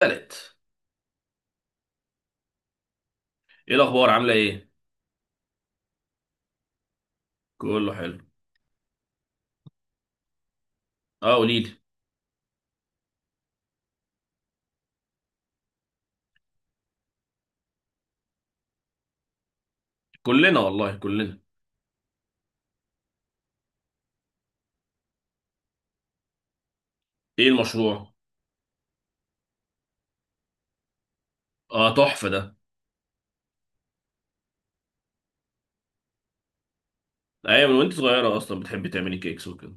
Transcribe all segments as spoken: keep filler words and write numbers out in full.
تالت. ايه الاخبار؟ عامله ايه؟ كله حلو. اه، قولي لي. كلنا والله كلنا. ايه المشروع؟ اه، تحفه ده. ايوه، من وانت صغيره اصلا بتحبي تعملي كيكس وكده.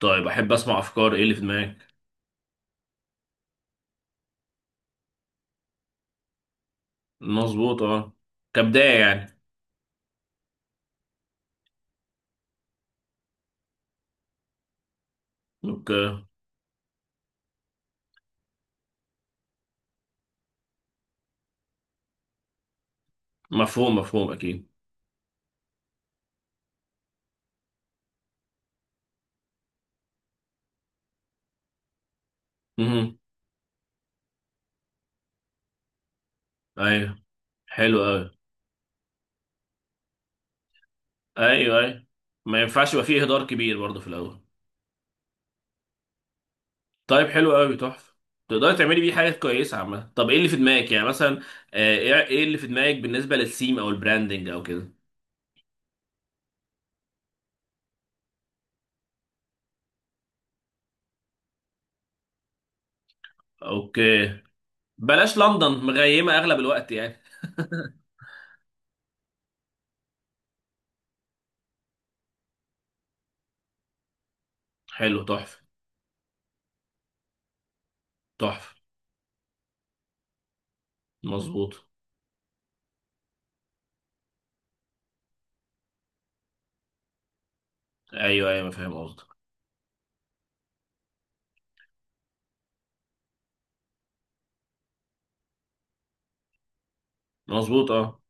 طيب، احب اسمع افكار، ايه اللي في دماغك؟ مظبوط اه. كبدايه يعني. اوكي. مفهوم مفهوم اكيد. امم ايوه، حلو قوي. ايوه ايوه، ما ينفعش يبقى فيه هدار كبير برضه في الاول. طيب، حلو قوي تحفه، تقدري تعملي بيه حاجات كويسه عامه. طب ايه اللي في دماغك يعني مثلا؟ آه، ايه إيه اللي في دماغك بالنسبه للثيم او البراندنج او كده؟ اوكي. بلاش لندن، مغيمة اغلب الوقت يعني. حلو تحفة. تحفة. مظبوط. ايوه ايوه فاهم قصدك. مظبوط اه.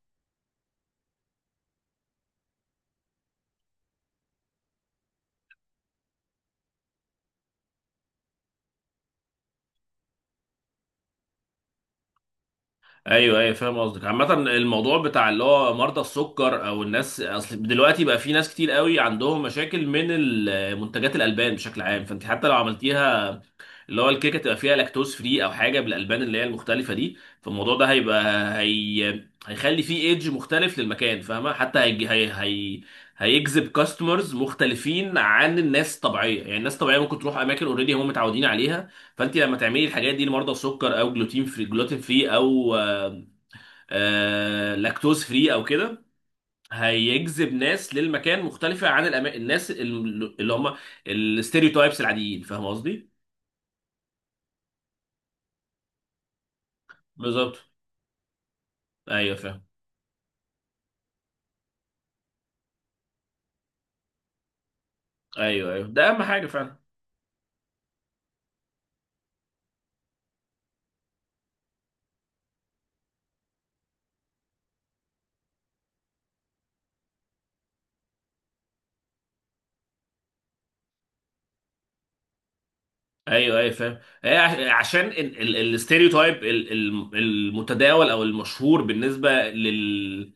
ايوه ايوه فاهم قصدك، عامة الموضوع بتاع اللي هو مرضى السكر او الناس، اصل دلوقتي بقى في ناس كتير قوي عندهم مشاكل من ال- منتجات الالبان بشكل عام، فانت حتى لو عملتيها اللي هو الكيكه تبقى فيها لاكتوز فري او حاجه بالالبان اللي هي المختلفه دي، فالموضوع ده هيبقى هي هيخلي فيه ايدج مختلف للمكان، فاهمه؟ حتى هي... هي... هي... هيجذب كاستمرز مختلفين عن الناس الطبيعيه، يعني الناس الطبيعيه ممكن تروح اماكن اوريدي هم متعودين عليها. فانت لما تعملي الحاجات دي لمرضى السكر او جلوتين فري جلوتين فري او آه... آه... لاكتوز فري او كده، هيجذب ناس للمكان مختلفه عن الأما... الناس ال- اللي هم الستيريوتايبس العاديين، فاهم قصدي؟ بالظبط. ايوه فاهم. ايوه ايوه، ده اهم حاجه فعلا. ايوه ايوه فاهم، هي عش- عشان الاستيريوتايب المتداول او المشهور بالنسبه لل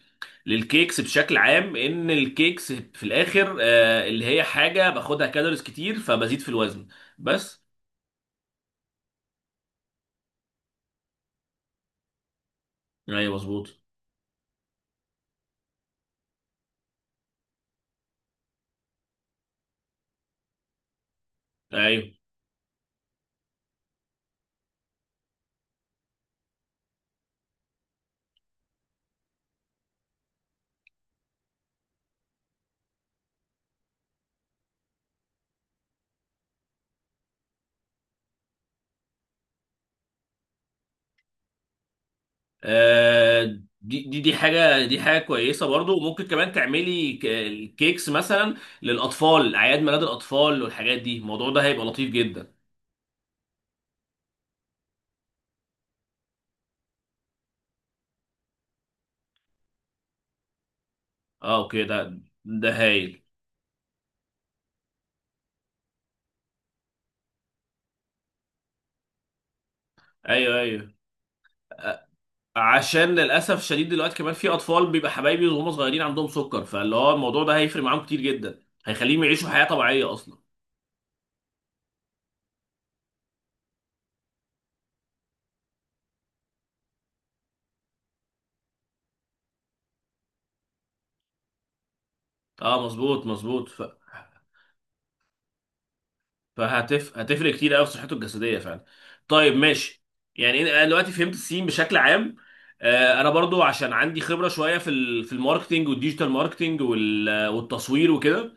للكيكس بشكل عام، ان الكيكس في الاخر آه، اللي هي حاجه باخدها كالوريز كتير فبزيد في الوزن بس. ايوه مظبوط. ايوه آه، دي دي دي حاجه، دي حاجه كويسه برضو، وممكن كمان تعملي ك- كيكس مثلا للاطفال، اعياد ميلاد الاطفال والحاجات دي، الموضوع ده هيبقى لطيف جدا. اه اوكي، ده ده هايل. ايوه ايوه. أ- عشان للاسف شديد دلوقتي كمان في اطفال بيبقى حبايبي وهم صغيرين عندهم سكر، فاللي هو الموضوع ده هيفرق معاهم كتير جدا، هيخليهم يعيشوا حياه طبيعيه اصلا. اه مظبوط مظبوط، ف... فهتف هتفرق كتير قوي في صحته الجسديه فعلا. طيب ماشي، يعني إن- انا دلوقتي فهمت السين بشكل عام. آه، انا برضو عشان عندي خبره شويه في ال- في الماركتينج والديجيتال ماركتينج وال- والتصوير وكده،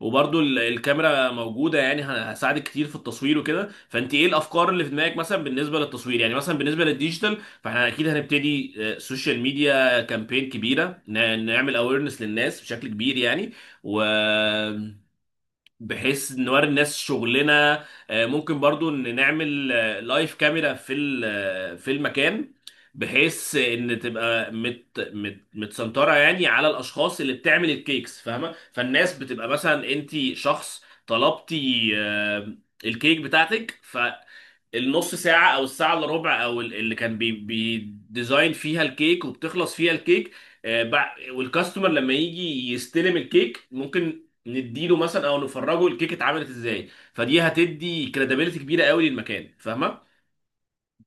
وبرضو ال- الكاميرا موجوده يعني ه- هساعدك كتير في التصوير وكده. فانت ايه الافكار اللي في دماغك مثلا بالنسبه للتصوير؟ يعني مثلا بالنسبه للديجيتال، فاحنا اكيد هنبتدي آه، سوشيال ميديا كامبين كبيره، ن- نعمل اويرنس للناس بشكل كبير يعني. و بحيث نوري الناس شغلنا. آه، ممكن برضو ان نعمل آه، لايف كاميرا في ال- آه، في المكان، بحيث ان تبقى مت مت متسنطره يعني على الاشخاص اللي بتعمل الكيكس، فاهمه؟ فالناس بتبقى مثلا انت شخص طلبتي آه، الكيك بتاعتك، النص ساعة أو الساعة إلا ربع، أو ال- اللي كان بي- بيديزاين فيها الكيك وبتخلص فيها الكيك، آه، بع- والكاستمر لما يجي يستلم الكيك ممكن نديله مثلا أو نفرجه الكيك اتعملت إزاي، فدي هتدي كريديبيلتي كبيرة قوي للمكان، فاهمة؟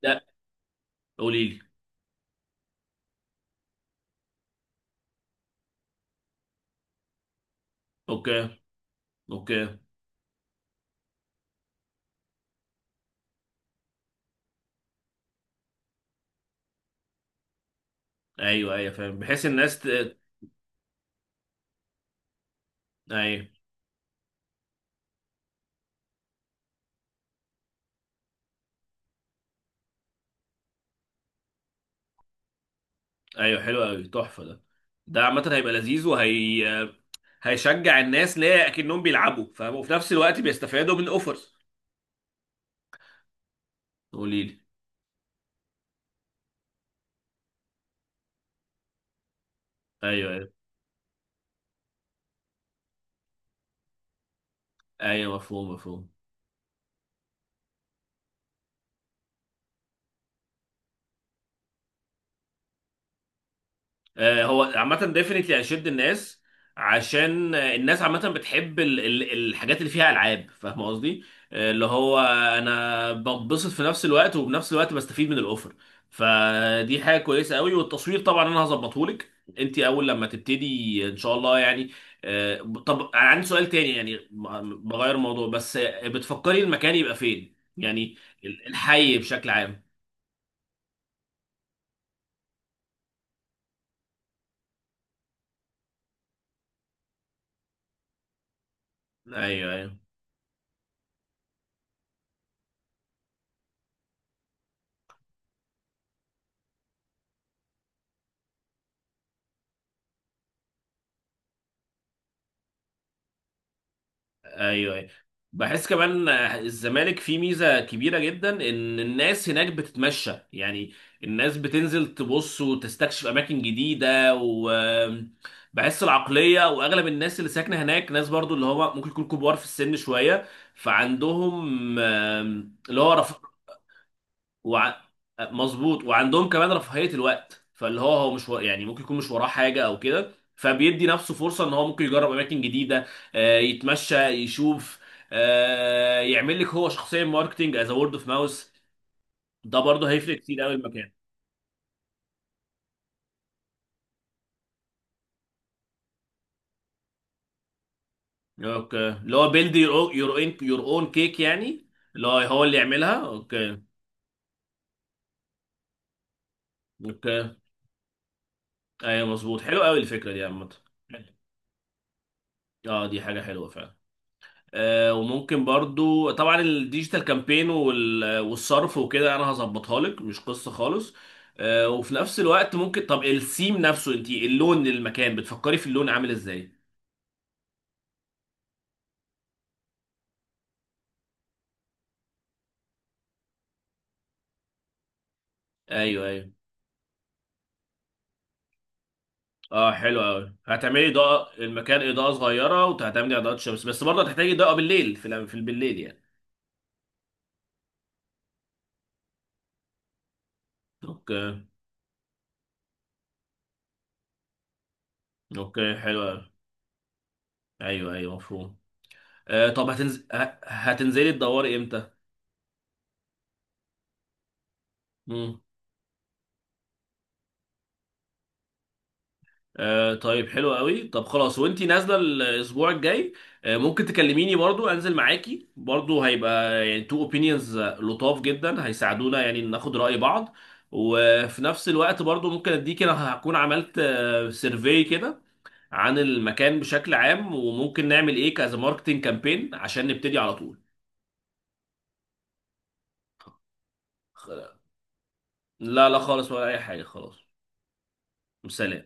ده، قولي لي. أوكي أوكي. أيوه أيوه فاهم، بحيث الناس ت... أيوه أيوه، حلو قوي تحفة ده. ده عامة هيبقى لذيذ، وهي هيشجع الناس ليه، أكنهم بيلعبوا، فاهم؟ وفي نفس الوقت بيستفادوا من أوفرز. قولي لي. ايوه أيوه. ايوه مفهوم مفهوم. آه، هو عامة ديفنتلي هيشد الناس، عشان آه، الناس عامة بتحب ال- ال- الحاجات اللي فيها ألعاب، فاهم قصدي؟ آه، اللي هو أنا بتبسط في نفس الوقت، وبنفس الوقت بستفيد من الأوفر، فدي حاجة كويسة قوي. والتصوير طبعا أنا هظبطهولك أنت أول لما تبتدي إن شاء الله يعني. آه، طب أنا عندي سؤال تاني، يعني م- بغير الموضوع، بس آه، بتفكري المكان يبقى فين يعني؟ ال- الحي بشكل عام؟ ايوه أيوه. ايوه أيوة. بحس كمان الزمالك فيه ميزه كبيره جدا، ان الناس هناك بتتمشى يعني، الناس بتنزل تبص وتستكشف اماكن جديده، وبحس العقليه واغلب الناس اللي ساكنه هناك ناس، برضو اللي هو ممكن يكون كبار في السن شويه، فعندهم آم، اللي هو، وع... مظبوط، وعندهم كمان رفاهية الوقت، فاللي هو هو مش و... يعني ممكن يكون مش وراه حاجة او كده، فبيدي نفسه فرصة ان هو ممكن يجرب اماكن جديدة، آه، يتمشى، يشوف، آه، يعمل لك هو شخصيا ماركتنج از وورد اوف ماوس، ده برضه هيفرق كتير قوي المكان. اوكي، اللي هو بيلد يور اون يور اون كيك يعني، اللي هو هو اللي يعملها. اوكي اوكي. ايوه مظبوط، حلو قوي الفكرة دي عامة. اه دي حاجة حلوة فعلا. آه، وممكن برضو طبعا الديجيتال كامبين وال- والصرف وكده انا هظبطها لك، مش قصة خالص. آه، وفي نفس الوقت ممكن، طب السيم نفسه انت اللون للمكان بتفكري في اللون عامل ازاي؟ ايوه ايوه. اه حلو قوي، هتعملي اضاءة المكان اضاءة صغيرة وهتعملي اضاءة شمس، بس برضه هتحتاجي اضاءة بالليل في الأ- في بالليل يعني. اوكي اوكي حلو قوي. ايوه ايوه مفهوم. آه، طب هتنز... ه- هتنزلي تدوري امتى؟ مم. آه طيب حلو قوي، طب خلاص وانتي نازله الاسبوع الجاي، آه ممكن تكلميني، برضو انزل معاكي، برضو هيبقى يعني تو اوبينيونز لطاف جدا، هيساعدونا يعني ناخد رأي بعض. وفي نفس الوقت برضو ممكن اديكي انا هكون عملت سيرفي كده عن المكان بشكل عام، وممكن نعمل ايه كذا ماركتنج كامبين عشان نبتدي على طول. لا لا خالص، ولا اي حاجه. خلاص. سلام.